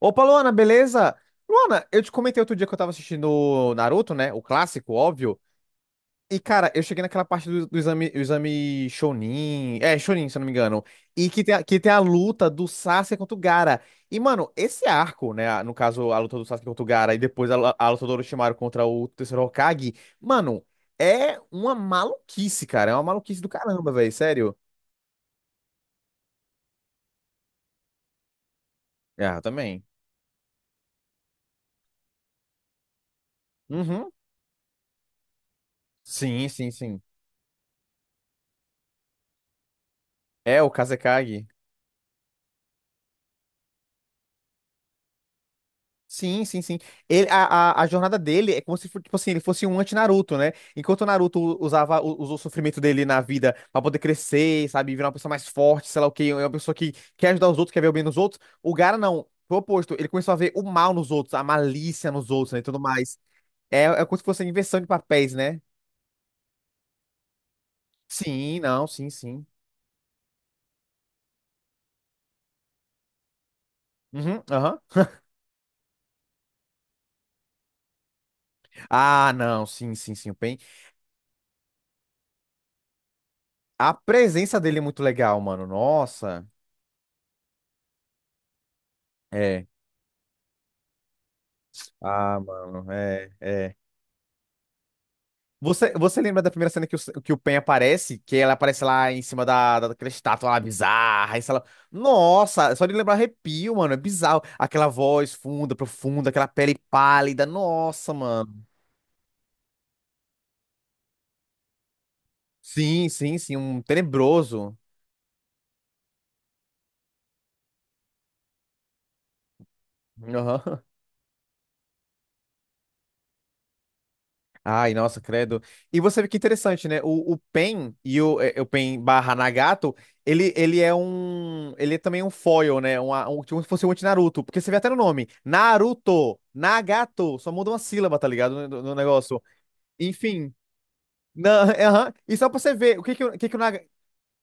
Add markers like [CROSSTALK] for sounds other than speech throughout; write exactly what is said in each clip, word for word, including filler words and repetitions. Opa, Luana, beleza? Luana, eu te comentei outro dia que eu tava assistindo Naruto, né? O clássico, óbvio. E, cara, eu cheguei naquela parte do, do exame, o exame Chunin. É, Chunin, se eu não me engano. E que tem, a- que tem a luta do Sasuke contra o Gaara. E, mano, esse arco, né? No caso, a luta do Sasuke contra o Gaara e depois a, lu- a luta do Orochimaru contra o terceiro Hokage. Mano, é uma maluquice, cara. É uma maluquice do caramba, velho. Sério. Ah, eu também. Uhum. Sim, sim, sim. É, o Kazekage. Sim, sim, sim. Ele, a, a, a jornada dele é como se fosse tipo assim, ele fosse um anti-Naruto, né? Enquanto o Naruto usava, u- usou o sofrimento dele na vida pra poder crescer, sabe? Virar uma pessoa mais forte, sei lá o quê, é uma pessoa que quer ajudar os outros, quer ver o bem nos outros. O Gaara não. Foi o oposto. Ele começou a ver o mal nos outros, a malícia nos outros, né? E tudo mais. É, é como se fosse a inversão de papéis, né? Sim, não, sim, sim. Uhum, aham. Ah, não, sim, sim, sim. O Pain. A presença dele é muito legal, mano. Nossa. É. Ah, mano, é, é. Você, você lembra da primeira cena que o, que o Pen aparece? Que ela aparece lá em cima da, da, daquela estátua lá bizarra. E ela... Nossa, só de lembrar arrepio, mano. É bizarro. Aquela voz funda, profunda, aquela pele pálida. Nossa, mano. Sim, sim, sim. Um tenebroso. Aham. Ai, nossa, credo. E você vê que interessante, né? O, o Pen e o, é, o Pen barra Nagato, ele, ele é um. Ele é também um foil, né? Uma, um, tipo se fosse um anti-Naruto. Porque você vê até no nome. Naruto, Nagato. Só muda uma sílaba, tá ligado? No, no- no negócio. Enfim. Na, [LAUGHS] aham. E só pra você ver, o que que, o o que, que, o, Naga-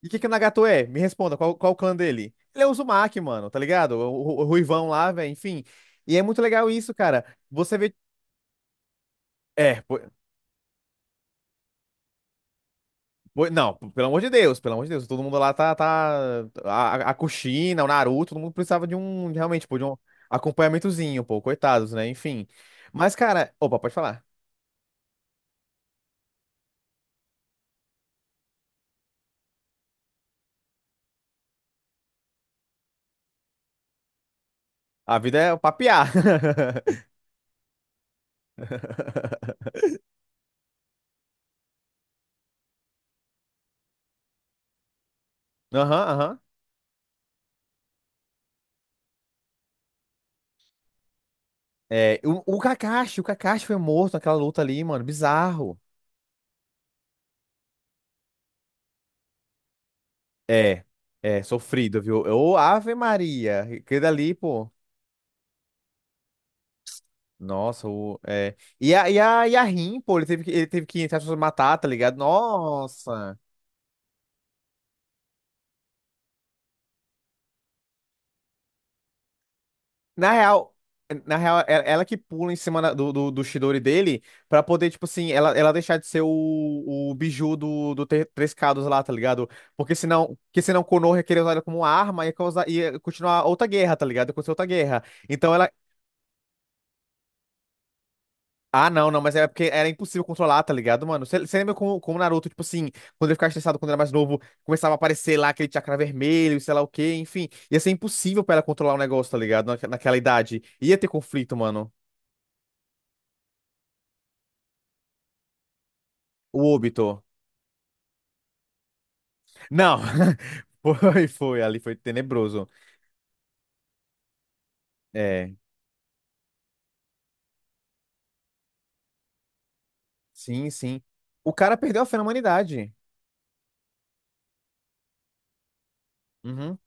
o que que o Nagato é? Me responda, qual, qual o clã dele? Ele é o Uzumaki, mano, tá ligado? O, o, o Ruivão lá, velho, enfim. E é muito legal isso, cara. Você vê. É, Mo- Não, p- pelo amor de Deus, pelo amor de Deus, todo mundo lá tá, tá, a, a a Kushina, o Naruto, todo mundo precisava de um, de realmente, pô, de um acompanhamentozinho, pô, coitados, né, enfim. Mas, cara, opa, pode falar, a vida é papiar. [LAUGHS] Aham, aham. É, o, o Kakashi, o Kakashi foi morto naquela luta ali, mano, bizarro. É, é, sofrido, viu? Ô, Ave Maria, aquele dali, pô, nossa, o, é... E a, e a, e a Rin, pô, ele teve que, ele teve que, entre aspas, matar, tá ligado? Nossa... Na real, na real, é- ela que pula em cima da- do, do, do Chidori dele pra poder, tipo assim, ela, ela deixar de ser o, o biju do, do Tre- Três Cados lá, tá ligado? Porque senão, porque senão o Konoha queria usar ela como arma e ia, causar, ia continuar outra guerra, tá ligado? Ia acontecer outra guerra. Então ela. Ah, não, não, mas é porque era impossível controlar, tá ligado, mano? Você lembra como, como o Naruto, tipo assim, quando ele ficava estressado quando era mais novo, começava a aparecer lá aquele chakra vermelho, sei lá o quê, enfim. Ia ser impossível pra ela controlar o negócio, tá ligado? Naque- Naquela idade. Ia ter conflito, mano. O Obito. Não, [LAUGHS] foi, foi, ali foi tenebroso. É, sim, sim. O cara perdeu a fé na humanidade. Uhum.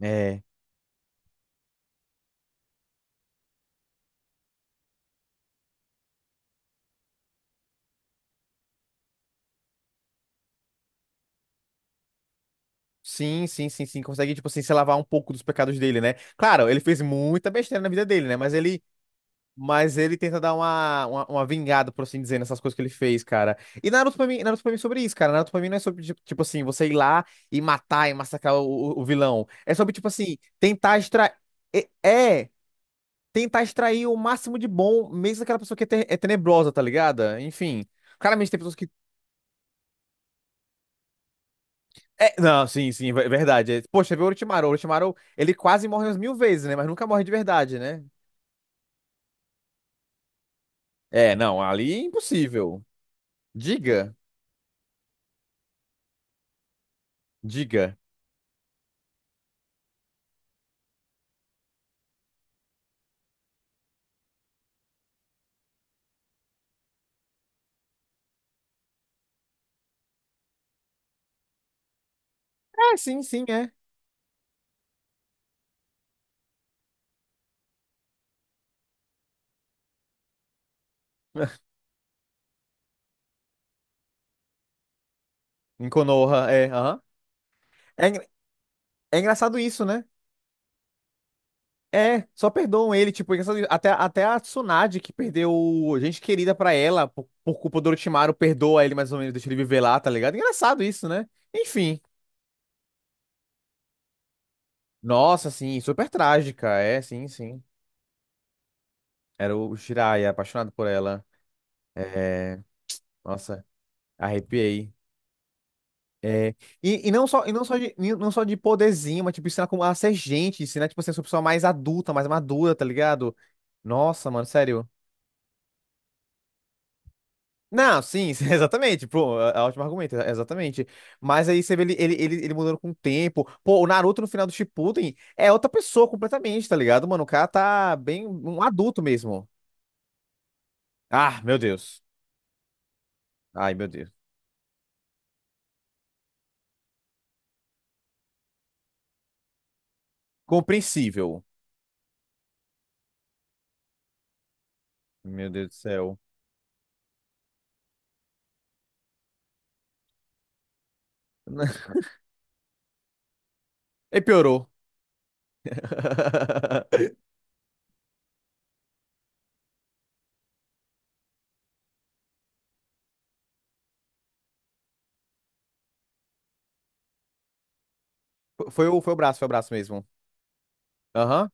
É. Sim, sim, sim, sim. Consegue, tipo assim, se lavar um pouco dos pecados dele, né? Claro, ele fez muita besteira na vida dele, né? Mas ele, mas ele tenta dar uma, uma, uma vingada, por assim dizer, nessas coisas que ele fez, cara. E Naruto pra mim, Naruto pra mim é sobre isso, cara. Naruto pra mim não é sobre, tipo tipo assim, você ir lá e matar e massacrar o, o o vilão. É sobre, tipo assim, tentar extrair. É, é, tentar extrair o máximo de bom, mesmo daquela pessoa que é, te- é tenebrosa, tá ligada? Enfim, claramente tem pessoas que. É, não, sim, sim, é verdade. É, poxa, vê o Orochimaru. O Orochimaru, ele quase morre umas mil vezes, né? Mas nunca morre de verdade, né? É, não, ali é impossível. Diga, diga. É, sim, sim, é. [LAUGHS] Em Konoha, é, aham. É, engra- é engraçado isso, né? É, só perdoam ele, tipo, engraçado, até, até a Tsunade, que perdeu gente querida pra ela, por, por culpa do Orochimaru, perdoa ele mais ou menos, deixa ele viver lá, tá ligado? Engraçado isso, né? Enfim. Nossa, sim, super trágica, é, sim, sim. Era o Jiraiya, apaixonado por ela. É, nossa, arrepiei. É, e, e não só, e não só de, e não só de poderzinho, mas, tipo, ensinar como a ser gente, ensinar, tipo, assim, a ser uma pessoa mais adulta, mais madura, tá ligado? Nossa, mano, sério. Não, sim, sim, [LAUGHS] exatamente. Pô, é é ótimo argumento, é- exatamente. Mas aí você vê ele, ele, ele, ele mudando com o tempo. Pô, o Naruto no final do Shippuden é outra pessoa completamente, tá ligado, mano? O cara tá bem um adulto mesmo. Ah, meu Deus. Ai, meu Deus. Compreensível. Meu Deus do céu. [LAUGHS] E piorou. [LAUGHS] Foi o, foi o braço, foi o braço mesmo. Aham.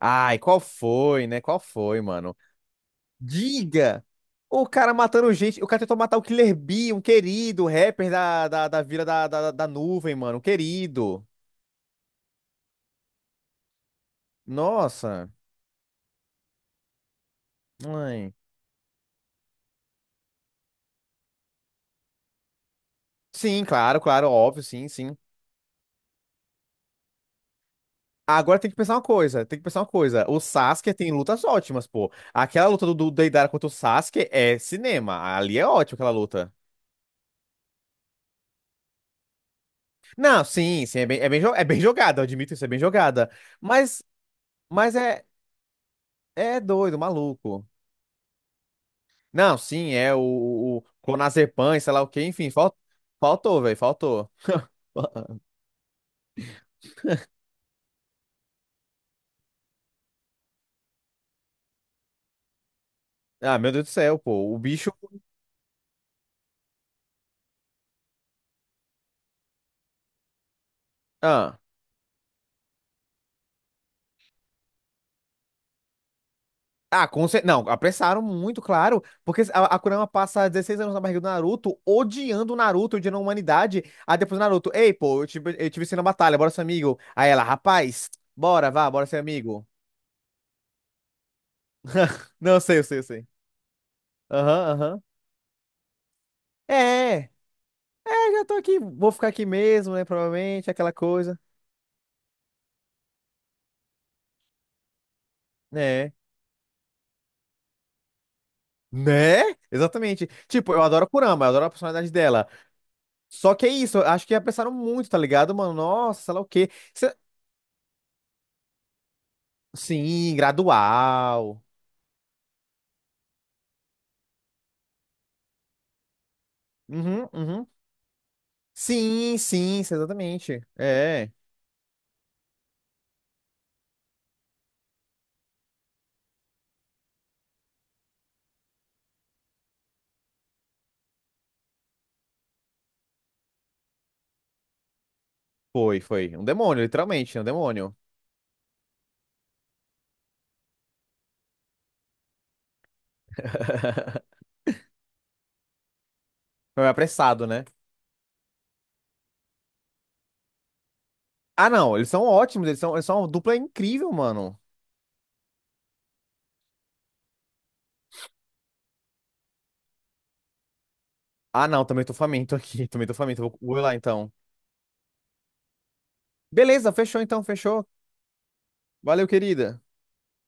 Ai, qual foi, né? Qual foi, mano? Diga! O cara matando gente. O cara tentou matar o Killer Bee, um querido rapper da, da, da Vila da, da, da Nuvem, mano. Um querido. Nossa. Ai. Sim, claro, claro, óbvio, sim, sim. Agora tem que pensar uma coisa, tem que pensar uma coisa. O Sasuke tem lutas ótimas, pô. Aquela luta do, do Deidara contra o Sasuke é cinema. Ali é ótimo aquela luta. Não, sim, sim, é bem, é bem, jo- é bem jogada, eu admito isso, é bem jogada. Mas, mas é, é doido, maluco. Não, sim, é o, o clonazepam, e sei lá o quê, enfim, fal- faltou, velho, faltou. [LAUGHS] Ah, meu Deus do céu, pô, o bicho. Ah, ah com cer- não, apressaram muito, claro, porque a, a Kurama passa dezesseis anos na barriga do Naruto, odiando o Naruto, odiando a humanidade. Aí depois o Naruto, ei, pô, eu te, eu te venci na batalha, bora ser amigo. Aí ela, rapaz, bora, vá, bora ser amigo. Não, eu sei, eu sei, eu sei. Aham, aham. É, é, já tô aqui, vou ficar aqui mesmo, né, provavelmente, aquela coisa. Né? Né? Exatamente. Tipo, eu adoro a Kurama, eu adoro a personalidade dela. Só que é isso, eu acho que apressaram muito, tá ligado, mano? Nossa, sei lá o quê. Se- Sim, gradual. Uhum, uhum. Sim, sim, sim, exatamente. É. Foi, foi. Um demônio, literalmente, um demônio. [LAUGHS] Foi apressado, né? Ah, não, eles são ótimos, eles são, eles são uma dupla incrível, mano. Ah, não, também tô faminto aqui, [LAUGHS] também tô faminto. Vou, vou lá então. Beleza, fechou então, fechou. Valeu, querida.